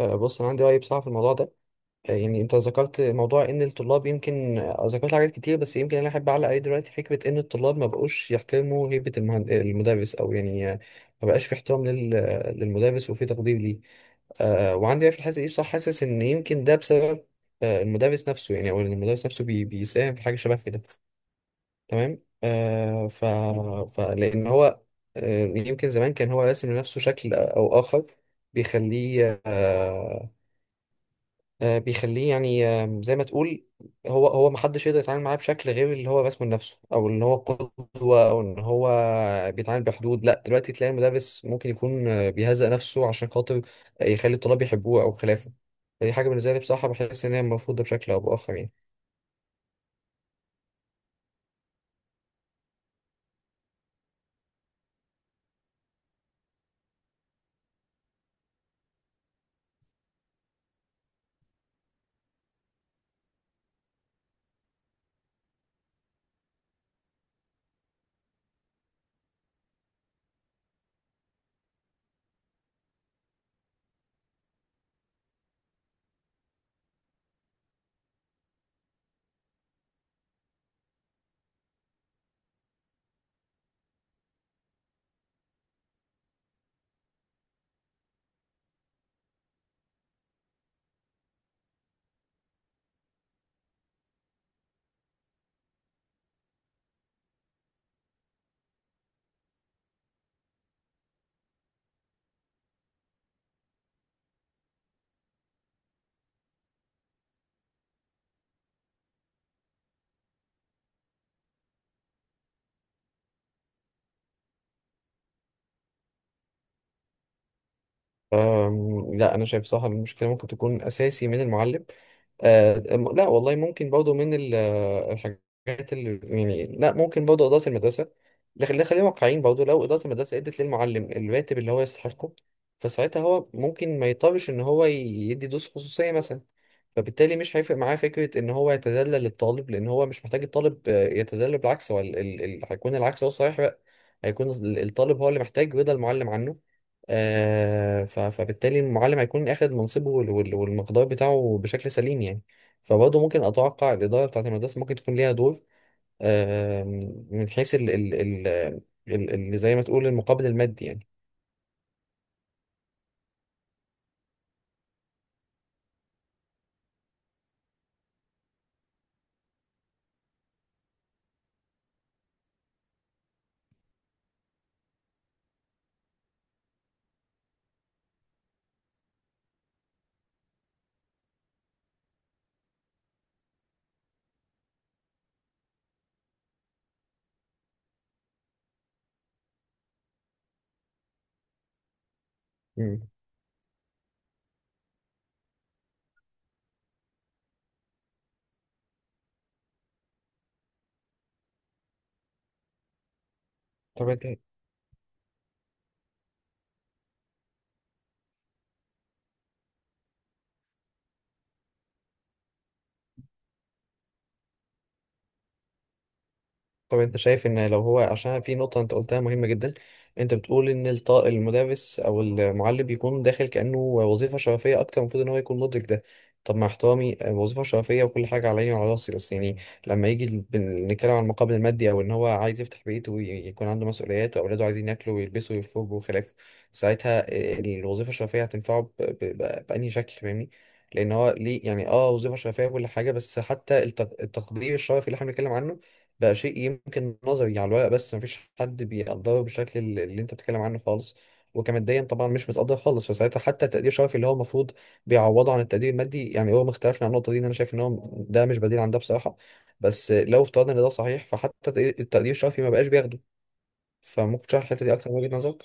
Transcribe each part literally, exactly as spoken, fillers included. آه، بص انا عندي راي بصراحه في الموضوع ده. آه، يعني انت ذكرت موضوع ان الطلاب يمكن، آه، ذكرت حاجات كتير، بس يمكن انا احب اعلق عليه دلوقتي. فكره ان الطلاب ما بقوش يحترموا هيبه المهند... المدرس، او يعني آه، ما بقاش في احترام لل... للمدرس وفي تقدير ليه. آه، وعندي راي في الحته دي بصراحه، حاسس ان يمكن ده بسبب آه، المدرس نفسه، يعني او إن المدرس نفسه بي... بيساهم في حاجه شبه كده. تمام. آه، ف... فلان هو آه، يمكن زمان كان هو راسم لنفسه شكل او اخر بيخليه، آه، آه، بيخليه يعني آه، زي ما تقول هو هو ما حدش يقدر يتعامل معاه بشكل غير اللي هو رسمه لنفسه، او اللي هو قدوه، او ان هو بيتعامل بحدود. لا دلوقتي تلاقي المدرس ممكن يكون آه، بيهزأ نفسه عشان خاطر يخلي الطلاب يحبوه او خلافه. فدي حاجه بالنسبه لي بصراحه، بحس ان هي المفروض ده بشكل او باخر يعني. أم، لا انا شايف صح، المشكله ممكن تكون اساسي من المعلم. أه أم- لا والله ممكن برضه من ال- آه، الحاجات اللي يعني، لا ممكن برضه اداره المدرسه. لكن لا، خلينا واقعيين برضه، لو اداره المدرسه ادت للمعلم الراتب اللي هو يستحقه فساعتها هو ممكن ما يضطرش ان هو يدي دروس خصوصيه مثلا. فبالتالي مش هيفرق معاه فكرة ان هو يتذلل للطالب، لان هو مش محتاج الطالب آه، يتذلل، بالعكس هو ال- ال- ال- هيكون العكس هو الصحيح بقى. هيكون ال- الطالب هو اللي محتاج رضا المعلم عنه. آه، ف- فبالتالي المعلم هيكون اخد منصبه وال- وال- والمقدار بتاعه بشكل سليم يعني. فبرضه ممكن اتوقع الاداره بتاعت المدرسه ممكن تكون ليها دور، آه، من حيث ال ال ال ال- ال- زي ما تقول المقابل المادي يعني. مم. طب انت طب انت شايف ان لو هو، عشان في نقطة انت قلتها مهمة جدا، انت بتقول ان الط- المدرس او المعلم بيكون داخل كأنه وظيفة شرفية اكتر، المفروض ان هو يكون مدرك ده. طب مع احترامي وظيفة شرفية وكل حاجة على عيني وعلى راسي، بس يعني لما يجي ال- بن- نتكلم عن المقابل المادي، او ان هو عايز يفتح بيت ويكون عنده مسؤوليات واولاده عايزين ياكلوا ويلبسوا ويخرجوا وخلافه. ساعتها الوظيفة الشرفية هتنفعه ب- ب- ب- بأنهي شكل فاهمني؟ لان هو ليه يعني اه وظيفة شرفية وكل حاجة، بس حتى التق- التقدير الشرفي اللي احنا بنتكلم عنه بقى شيء يمكن نظري على الورق، بس مفيش حد بيقدره بالشكل اللي اللي انت بتتكلم عنه خالص. وكماديا طبعا مش متقدر خالص، فساعتها حتى التقدير الشرفي اللي هو المفروض بيعوضه عن التقدير المادي، يعني هو ما اختلفنا عن النقطه دي، ان انا شايف ان هو ده مش بديل عن ده بصراحه. بس لو افترضنا ان ده صحيح، فحتى التقدير التقدير الشرفي ما بقاش بياخده. فممكن تشرح الحته دي اكتر من وجهه نظرك؟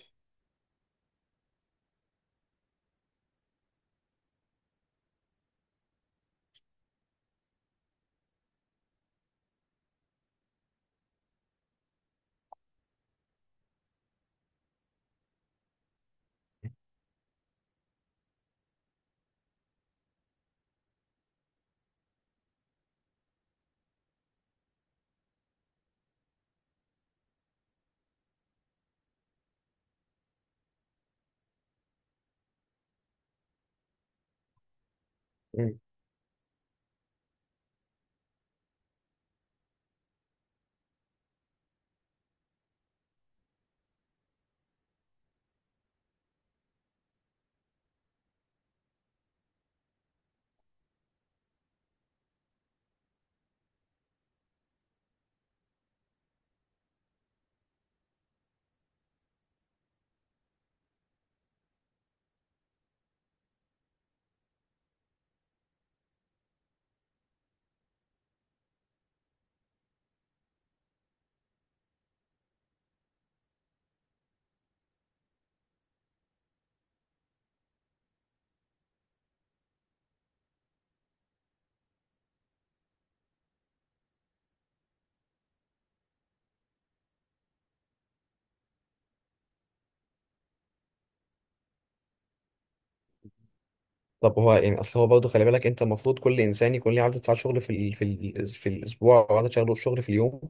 طب هو يعني اصل هو برضه خلي بالك انت، المفروض كل انسان يكون ليه عدد ساعات شغل في ال... في ال... في الاسبوع، او عدد شغله شغل في اليوم.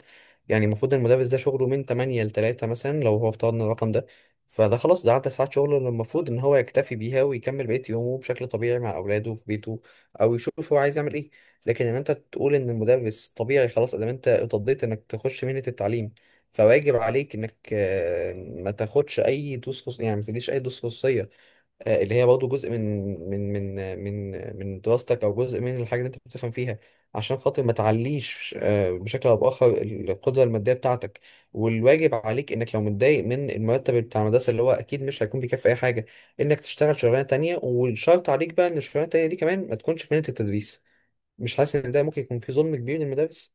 يعني المفروض المدرس ده شغله من تمانية ل تلاتة مثلا، لو هو افترضنا الرقم ده، فده خلاص ده عدد ساعات شغله اللي المفروض ان هو يكتفي بيها ويكمل بقية يومه بشكل طبيعي مع اولاده في بيته، او يشوف هو عايز يعمل ايه. لكن ان انت تقول ان المدرس طبيعي خلاص ادام انت اتضيت انك تخش مهنة التعليم، فواجب عليك انك آه، ما تاخدش اي دروس خصوصية، يعني ما تديش اي دروس خصوصية آه، اللي هي برضه جزء من من من آه، من آه، من دراستك، او جزء من الحاجه اللي انت بتفهم فيها، عشان خاطر ما تعليش آه، بشكل او باخر القدره الماديه بتاعتك. والواجب عليك انك لو متضايق من المرتب بتاع المدرسه اللي هو اكيد مش هيكون بيكفي اي حاجه، انك تشتغل شغلانه تانية، والشرط عليك بقى ان الشغلانه التانية دي كمان ما تكونش في مهنه التدريس. مش حاسس ان ده ممكن يكون في ظلم كبير للمدارس؟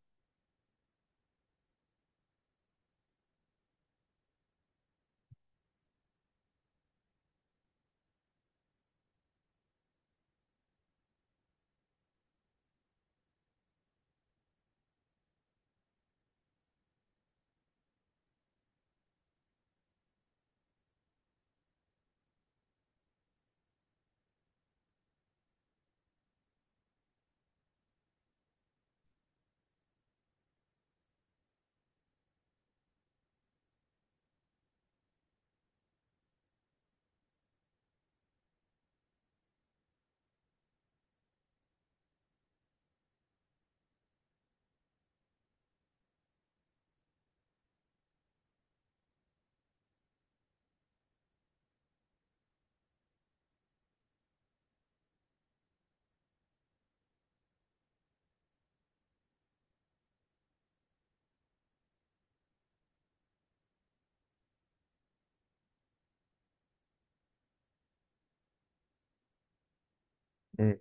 مم.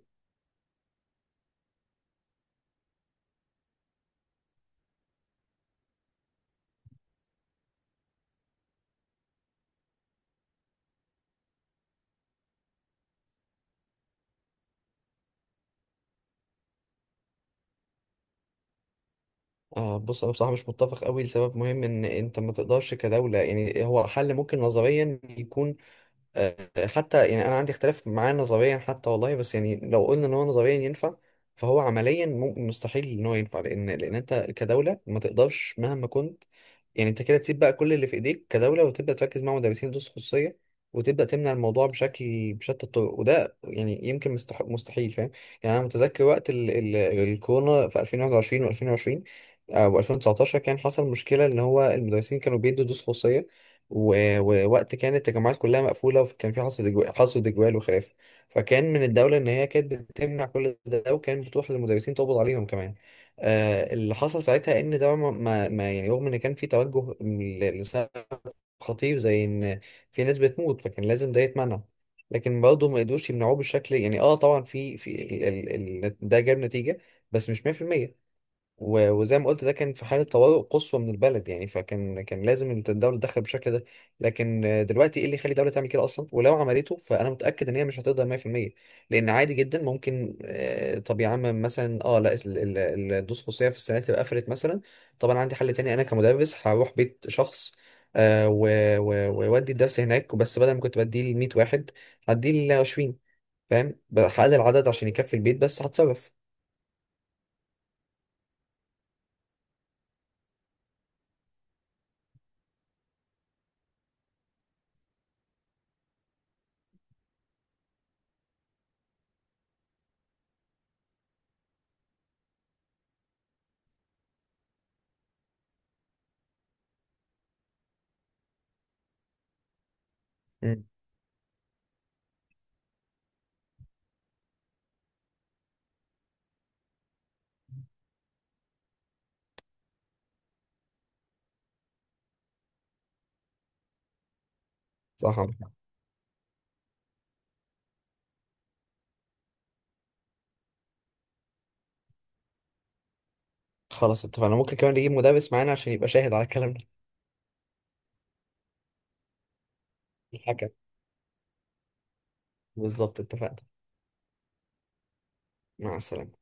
آه بص انا بصراحه مش متفق قوي، لسبب مهم ان انت ما تقدرش كدوله. يعني هو حل ممكن نظريا يكون، آه، حتى يعني انا عندي اختلاف معاه نظريا حتى والله، بس يعني لو قلنا ان هو نظريا ينفع، فهو عمليا ممكن مستحيل ان هو ينفع، لان لان انت كدوله ما تقدرش مهما كنت. يعني انت كده تسيب بقى كل اللي في ايديك كدوله وتبدا تركز مع مدرسين دروس خصوصيه وتبدا تمنع الموضوع بشكل بشتى الطرق؟ وده يعني يمكن مستح- مستحيل، فاهم؟ يعني انا متذكر وقت ال ال الكورونا في ألفين وواحد وعشرين و2020 و2019، كان حصل مشكله ان هو المدرسين كانوا بيدوا دروس خصوصيه، و- ووقت كانت التجمعات كلها مقفولة، وكان في حصر إجوال حصر إجوال وخلاف، فكان من الدولة إن هي كانت بتمنع كل ده، وكان بتروح للمدرسين تقبض عليهم كمان. آه اللي حصل ساعتها إن ده ما, ما ما- يعني رغم إن كان في توجه ل- لسبب خطير، زي إن في ناس بتموت، فكان لازم ده يتمنع. لكن برضه ما قدروش يمنعوه بالشكل، يعني اه طبعا في في ال ال ال ده جاب نتيجة بس مش مية بالمية. و- وزي ما قلت ده كان في حالة طوارئ قصوى من البلد يعني، فكان كان لازم الدولة تتدخل بالشكل ده. لكن آه، دلوقتي ايه اللي يخلي الدولة تعمل كده اصلا؟ ولو عملته فانا متأكد ان هي مش هتقدر مية بالمية، لان عادي جدا ممكن آه، طب يا عم مثلا اه لا ال- ال- ال- الدروس الخصوصية في السنة تبقى قفلت مثلا، طب انا عندي حل تاني، انا كمدرس هروح بيت شخص آه، و- و- وأودي الدرس هناك، بس بدل ما كنت بديه ل مية واحد هديه ل عشرين. فاهم؟ هقلل العدد عشان يكفي البيت بس هتصرف. مم. صح. خلاص اتفقنا، ممكن كمان نجيب مدرس معانا عشان يبقى شاهد على الكلام ده. الحكم بالظبط، اتفقنا. مع السلامة.